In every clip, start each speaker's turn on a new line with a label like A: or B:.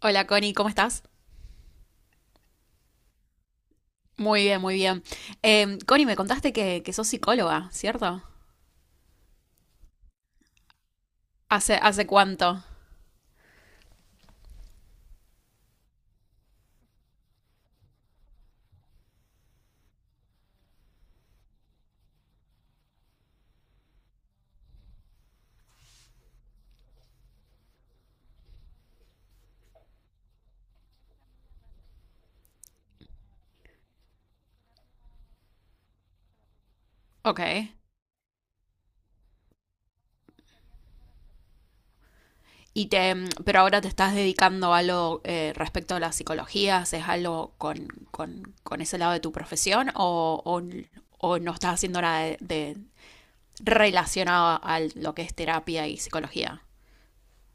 A: Hola Connie, ¿cómo estás? Muy bien, muy bien. Connie, me contaste que sos psicóloga, ¿cierto? ¿Hace cuánto? Ok. Y te, pero ahora te estás dedicando a algo respecto a la psicología, ¿haces algo con ese lado de tu profesión o no estás haciendo nada relacionado a lo que es terapia y psicología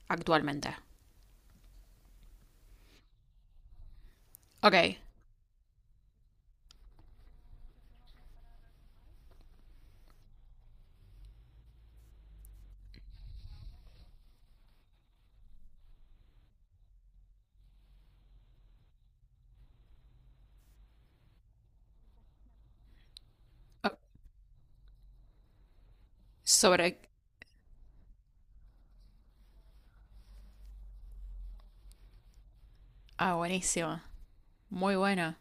A: actualmente? Ok. O- Sobre... Ah, buenísimo. Muy bueno.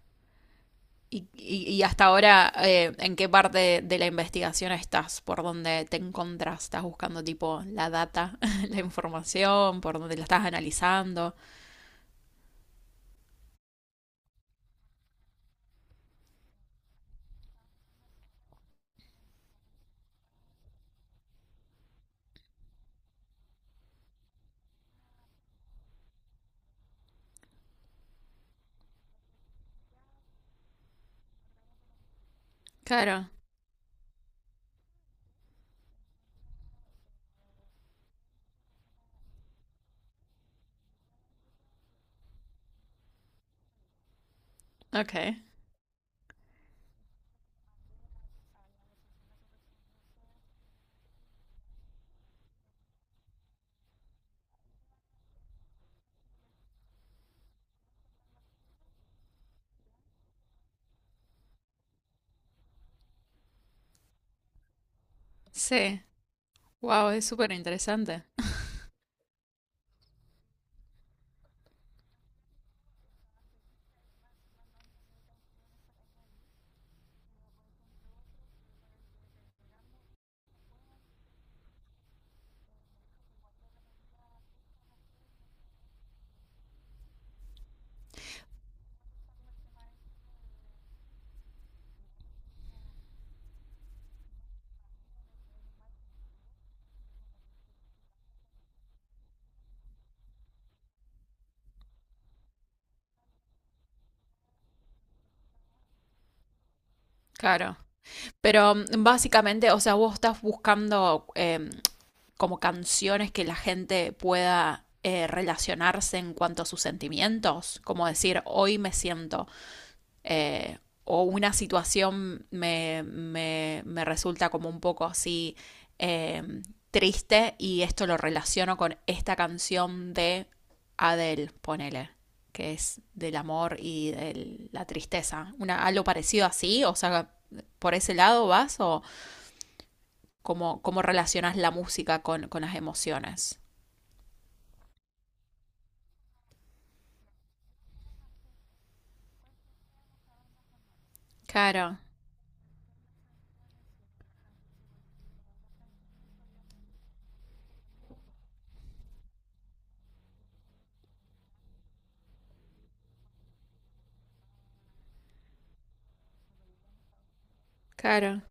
A: Y, y hasta ahora, ¿en qué parte de la investigación estás? ¿Por dónde te encontras? ¿Estás buscando tipo la data, la información? ¿Por dónde la estás analizando? Claro, ok. Sí, wow, es súper interesante. Claro. Pero mm, básicamente, o sea, vos estás buscando como canciones que la gente pueda relacionarse en cuanto a sus sentimientos, como decir, hoy me siento eh, o una situación me resulta como un poco así eh, triste y esto lo relaciono con esta canción de Adele, ponele, que es del amor y de la tristeza. Una, algo parecido así, o sea, por ese lado vas o cómo, cómo relacionas la música con las emociones. Claro, claro.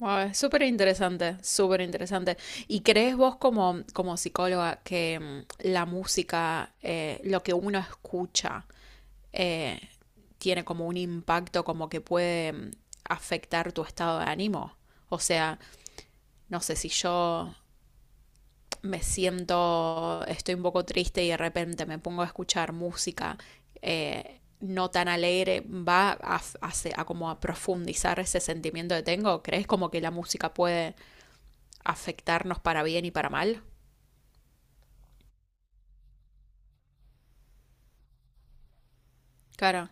A: Wow, es súper interesante, súper interesante. ¿Y crees vos como, como psicóloga que mm, la música, lo que uno escucha, eh, tiene como un impacto, como que puede mm, afectar tu estado de ánimo? O sea, no sé si yo me siento, estoy un poco triste y de repente me pongo a escuchar música no tan alegre, va a, a a como a profundizar ese sentimiento que tengo. ¿Crees como que la música puede afectarnos para bien y para mal? Cara.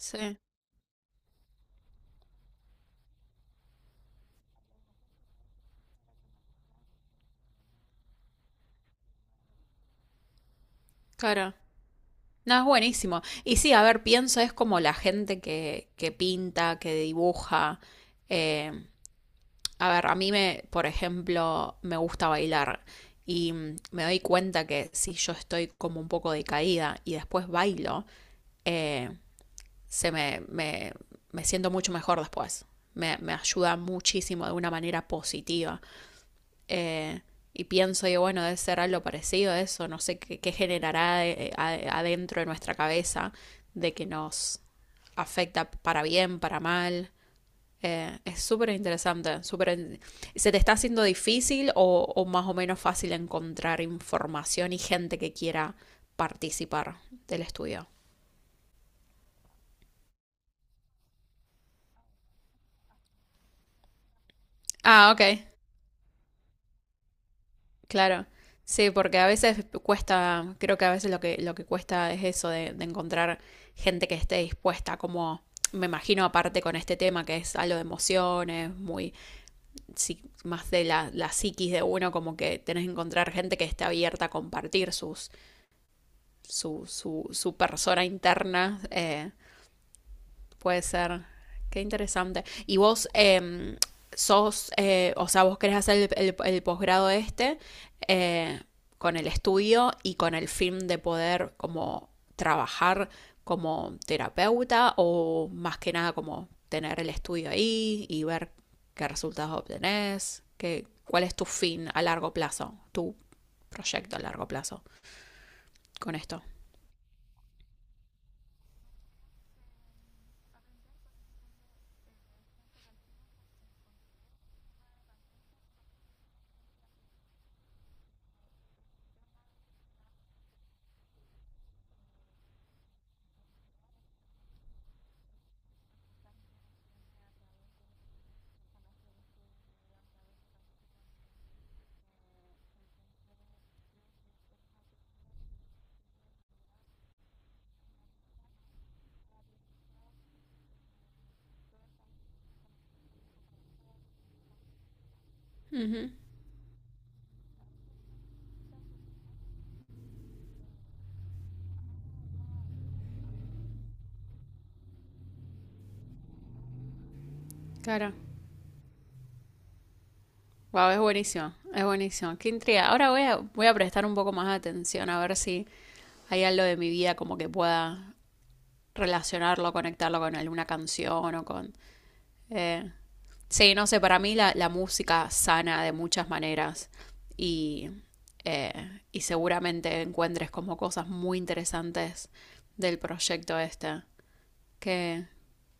A: Sí, cara. No, es buenísimo. Y sí, a ver, pienso, es como la gente que pinta, que dibuja. Eh, a ver, a mí, me, por ejemplo, me gusta bailar y mm, me doy cuenta que si yo estoy como un poco decaída y después bailo, eh, se me, me, me siento mucho mejor después. Me ayuda muchísimo de una manera positiva. Eh, y pienso, digo, bueno, debe ser algo parecido a eso, no sé qué, qué generará adentro de nuestra cabeza de que nos afecta para bien, para mal. Es súper interesante, súper... ¿Se te está haciendo difícil o más o menos fácil encontrar información y gente que quiera participar del estudio? Ah, ok. Claro, sí, porque a veces cuesta, creo que a veces lo que cuesta es eso de encontrar gente que esté dispuesta, como me imagino aparte con este tema que es algo de emociones, muy sí, más de la, la psiquis de uno, como que tenés que encontrar gente que esté abierta a compartir sus, su persona interna puede ser. Qué interesante. ¿Y vos sos, o sea, vos querés hacer el, el posgrado este eh, con el estudio y con el fin de poder como trabajar como terapeuta o más que nada como tener el estudio ahí y ver qué resultados obtenés? ¿Qué, cuál es tu fin a largo plazo, tu proyecto a largo plazo con esto? Ujú, claro. Wow, es buenísimo, es buenísimo. Qué intriga. Ahora voy a, voy a prestar un poco más de atención a ver si hay algo de mi vida como que pueda relacionarlo, conectarlo con alguna canción o con... eh, sí, no sé, para mí la, la música sana de muchas maneras y, y seguramente encuentres como cosas muy interesantes del proyecto este. Qué,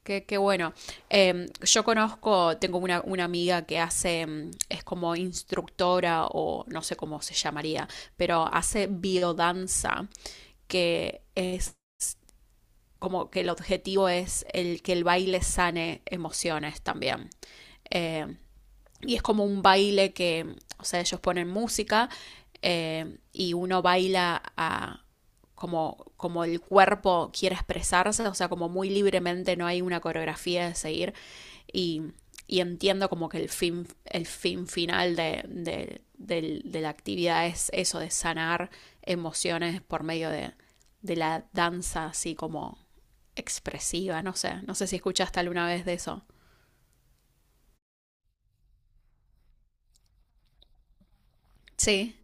A: qué, qué bueno. Yo conozco, tengo una amiga que hace, em, es como instructora o no sé cómo se llamaría, pero hace biodanza, que es como que el objetivo es el que el baile sane emociones también. Em, y es como un baile que, o sea, ellos ponen música y uno baila a, como, como el cuerpo quiere expresarse, o sea, como muy libremente, no hay una coreografía de seguir. Y, y entiendo como que el fin final de la actividad es eso, de sanar emociones de la danza así como expresiva, no sé, no sé si escuchaste alguna vez de eso. Sí,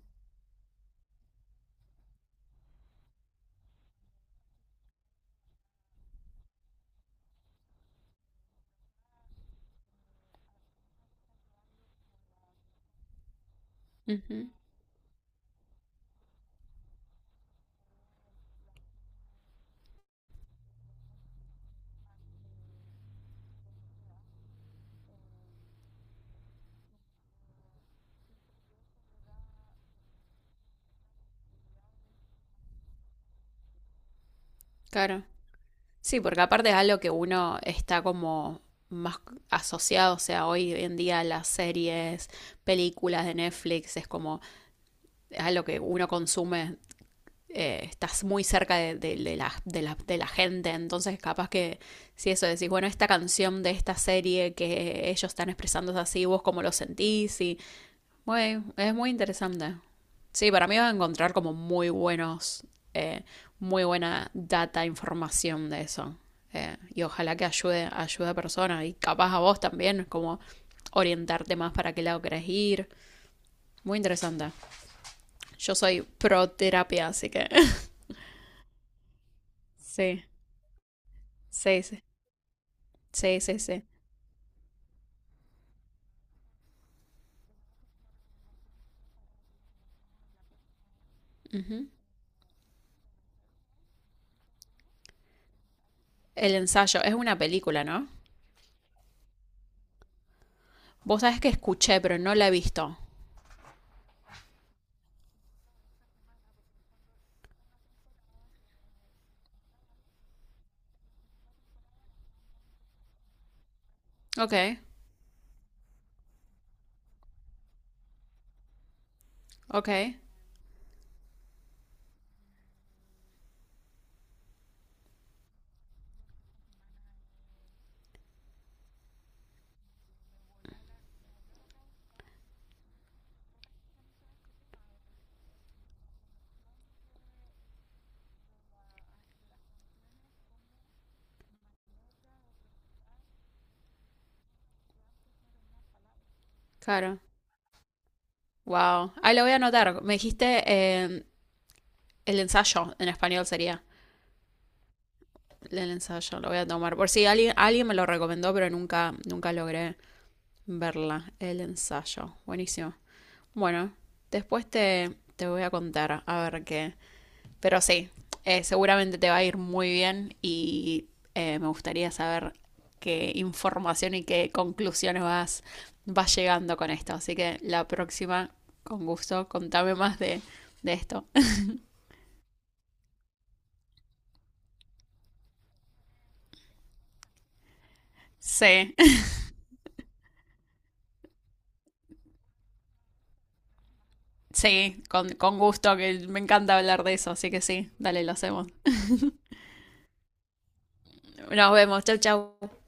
A: ujú, claro. Sí, porque aparte es algo que uno está como más asociado, o sea, hoy en día las series, películas de Netflix, es como, es algo que uno consume, estás muy cerca de la gente, entonces capaz que si eso decís, bueno, esta canción de esta serie que ellos están expresando es así, vos cómo lo sentís, y güey, es muy interesante. Sí, para mí vas a encontrar como muy buenos, eh, muy buena data, información de eso. Y ojalá que ayude, ayude a personas y capaz a vos también, como orientarte más para qué lado querés ir. Muy interesante. Yo soy pro terapia, así que sí, sí, sí, sí, sí, sí. Ujú. El ensayo es una película, ¿no? Vos sabés que escuché, pero no la he visto. Ok, ok, claro. Wow. Ahí lo voy a anotar. Me dijiste el ensayo, en español sería. El ensayo, lo voy a tomar. Por si alguien, alguien me lo recomendó, pero nunca, nunca logré verla. El ensayo. Buenísimo. Bueno, después te, te voy a contar a ver qué. Pero sí, seguramente te va a ir muy bien y me gustaría saber qué información y qué conclusiones vas, vas llegando con esto. Así que la próxima, con gusto, contame más de esto. Sí, sí, con gusto, que me encanta hablar de eso, así que sí, dale, lo hacemos. Nos vemos, chau, chau.